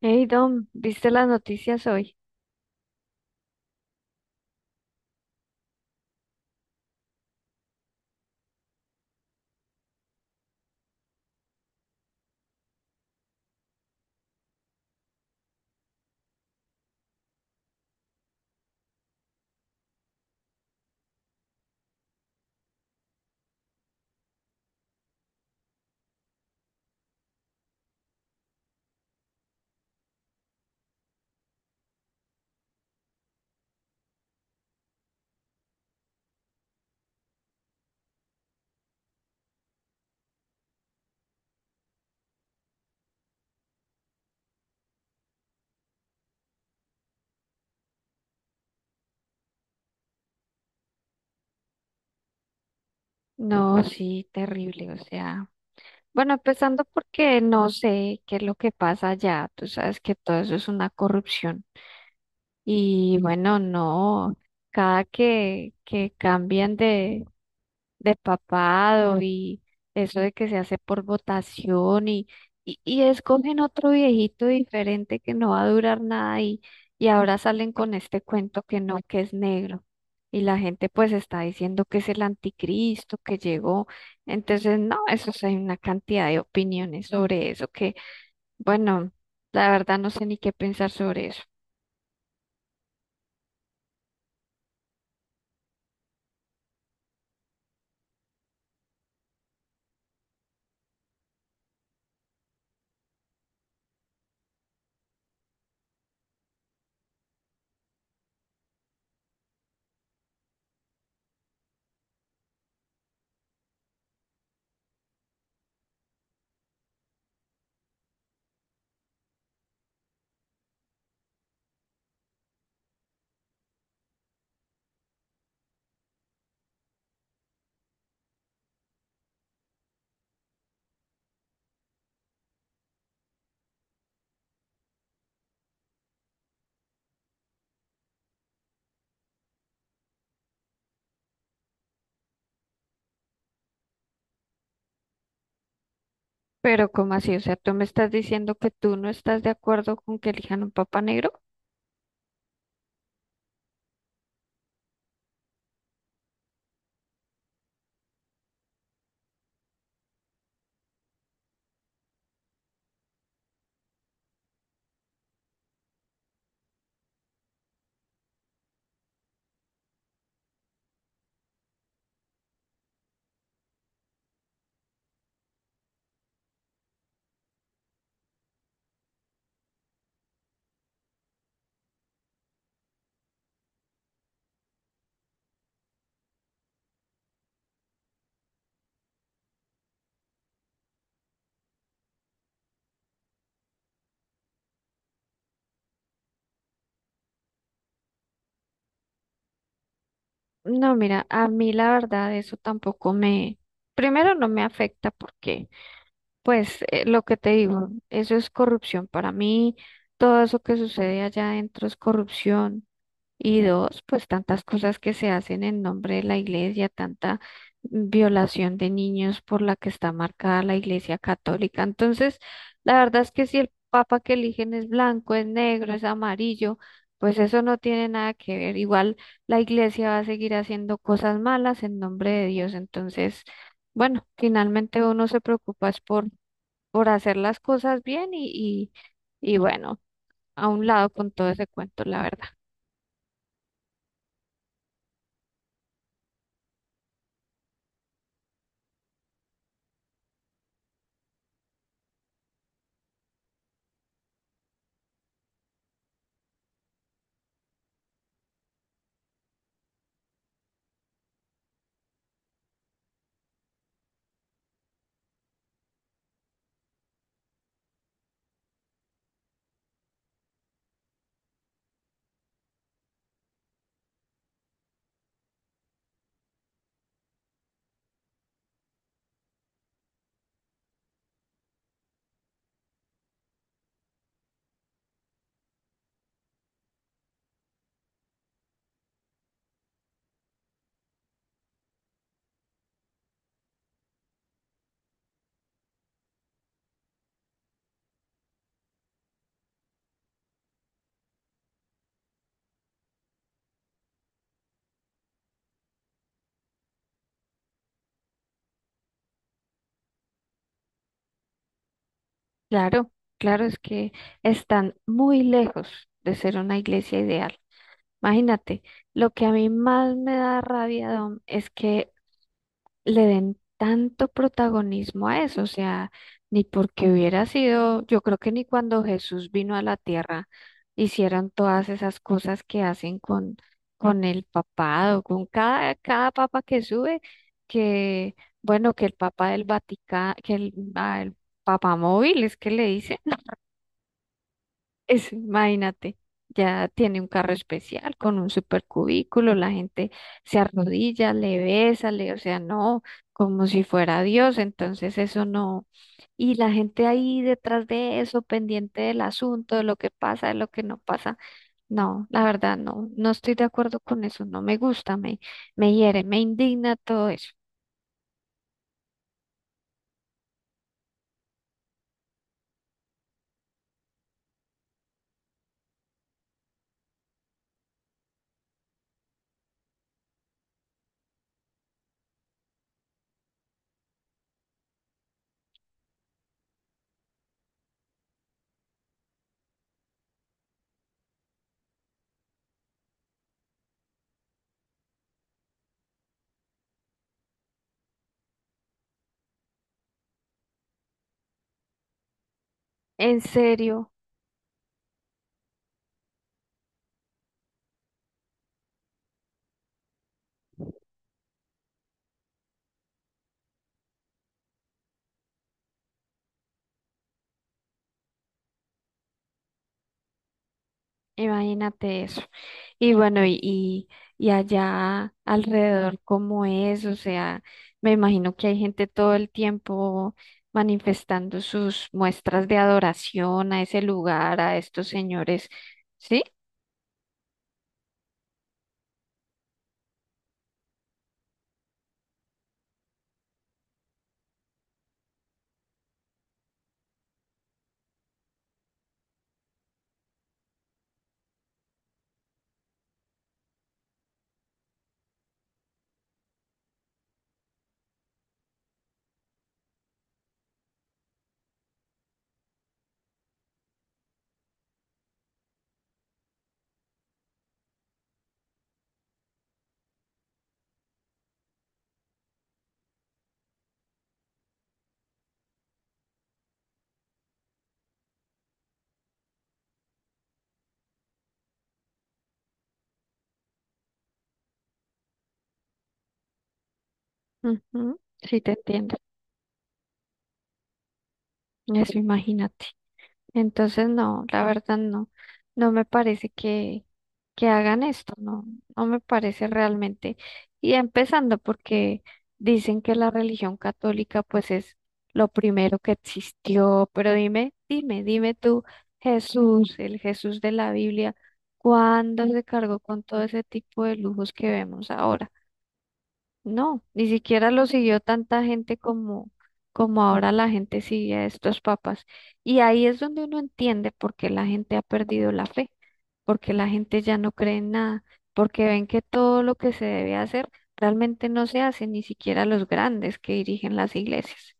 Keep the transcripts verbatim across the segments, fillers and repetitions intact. Hey Dom, ¿viste las noticias hoy? No, sí, terrible, o sea, bueno, empezando porque no sé qué es lo que pasa allá, tú sabes que todo eso es una corrupción y bueno, no, cada que, que cambian despapado y eso de que se hace por votación y, y, y escogen otro viejito diferente que no va a durar nada y, y ahora salen con este cuento que no, que es negro. Y la gente pues está diciendo que es el anticristo que llegó. Entonces, no, eso sí, hay una cantidad de opiniones sobre eso que, bueno, la verdad no sé ni qué pensar sobre eso. Pero, ¿cómo así? O sea, tú me estás diciendo que tú no estás de acuerdo con que elijan un papa negro. No, mira, a mí la verdad eso tampoco me, primero no me afecta porque, pues, eh, lo que te digo, eso es corrupción. Para mí, todo eso que sucede allá adentro es corrupción. Y dos, pues tantas cosas que se hacen en nombre de la iglesia, tanta violación de niños por la que está marcada la iglesia católica. Entonces, la verdad es que si el papa que eligen es blanco, es negro, es amarillo, pues eso no tiene nada que ver. Igual la iglesia va a seguir haciendo cosas malas en nombre de Dios. Entonces, bueno, finalmente uno se preocupa es por, por hacer las cosas bien y, y, y bueno, a un lado con todo ese cuento, la verdad. Claro, claro, es que están muy lejos de ser una iglesia ideal. Imagínate, lo que a mí más me da rabia, Dom, es que le den tanto protagonismo a eso, o sea, ni porque hubiera sido, yo creo que ni cuando Jesús vino a la tierra hicieron todas esas cosas que hacen con, con el papado, con cada, cada papa que sube, que, bueno, que el papa del Vaticano, que el, ah, el papa móvil, es que le dicen es, imagínate, ya tiene un carro especial con un supercubículo, la gente se arrodilla, le besa, le, o sea, no, como si fuera Dios, entonces eso no. Y la gente ahí detrás de eso, pendiente del asunto, de lo que pasa, de lo que no pasa. No, la verdad, no, no estoy de acuerdo con eso, no me gusta, me, me hiere, me indigna todo eso. ¿En serio? Imagínate eso. Y bueno, y, y, y allá alrededor, ¿cómo es? O sea, me imagino que hay gente todo el tiempo manifestando sus muestras de adoración a ese lugar, a estos señores. ¿Sí? Ujú, sí, te entiendo. Eso, imagínate. Entonces, no, la verdad no, no me parece que, que hagan esto, no, no me parece realmente. Y empezando porque dicen que la religión católica pues es lo primero que existió, pero dime, dime, dime tú, Jesús, el Jesús de la Biblia, ¿cuándo se cargó con todo ese tipo de lujos que vemos ahora? No, ni siquiera lo siguió tanta gente como, como ahora la gente sigue a estos papas. Y ahí es donde uno entiende por qué la gente ha perdido la fe, porque la gente ya no cree en nada, porque ven que todo lo que se debe hacer realmente no se hace, ni siquiera los grandes que dirigen las iglesias.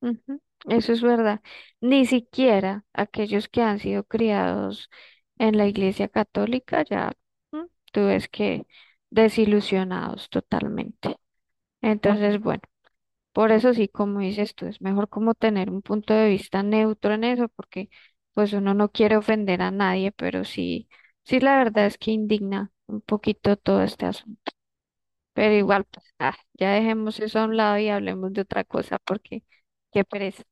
Ujú, eso es verdad. Ni siquiera aquellos que han sido criados en la iglesia católica ya, mm, tú ves que desilusionados totalmente. Entonces, bueno, por eso sí, como dices tú, es mejor como tener un punto de vista neutro en eso, porque pues uno no quiere ofender a nadie, pero sí, sí la verdad es que indigna un poquito todo este asunto. Pero igual, pues, ah, ya dejemos eso a un lado y hablemos de otra cosa, porque qué pereza.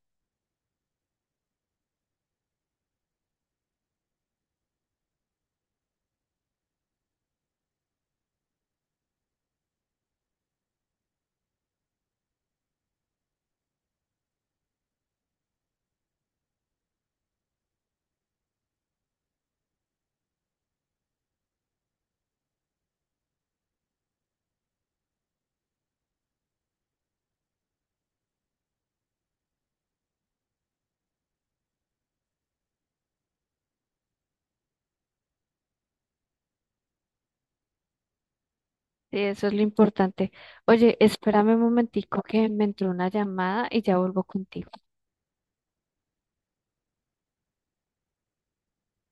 Sí, eso es lo importante. Oye, espérame un momentico que me entró una llamada y ya vuelvo contigo.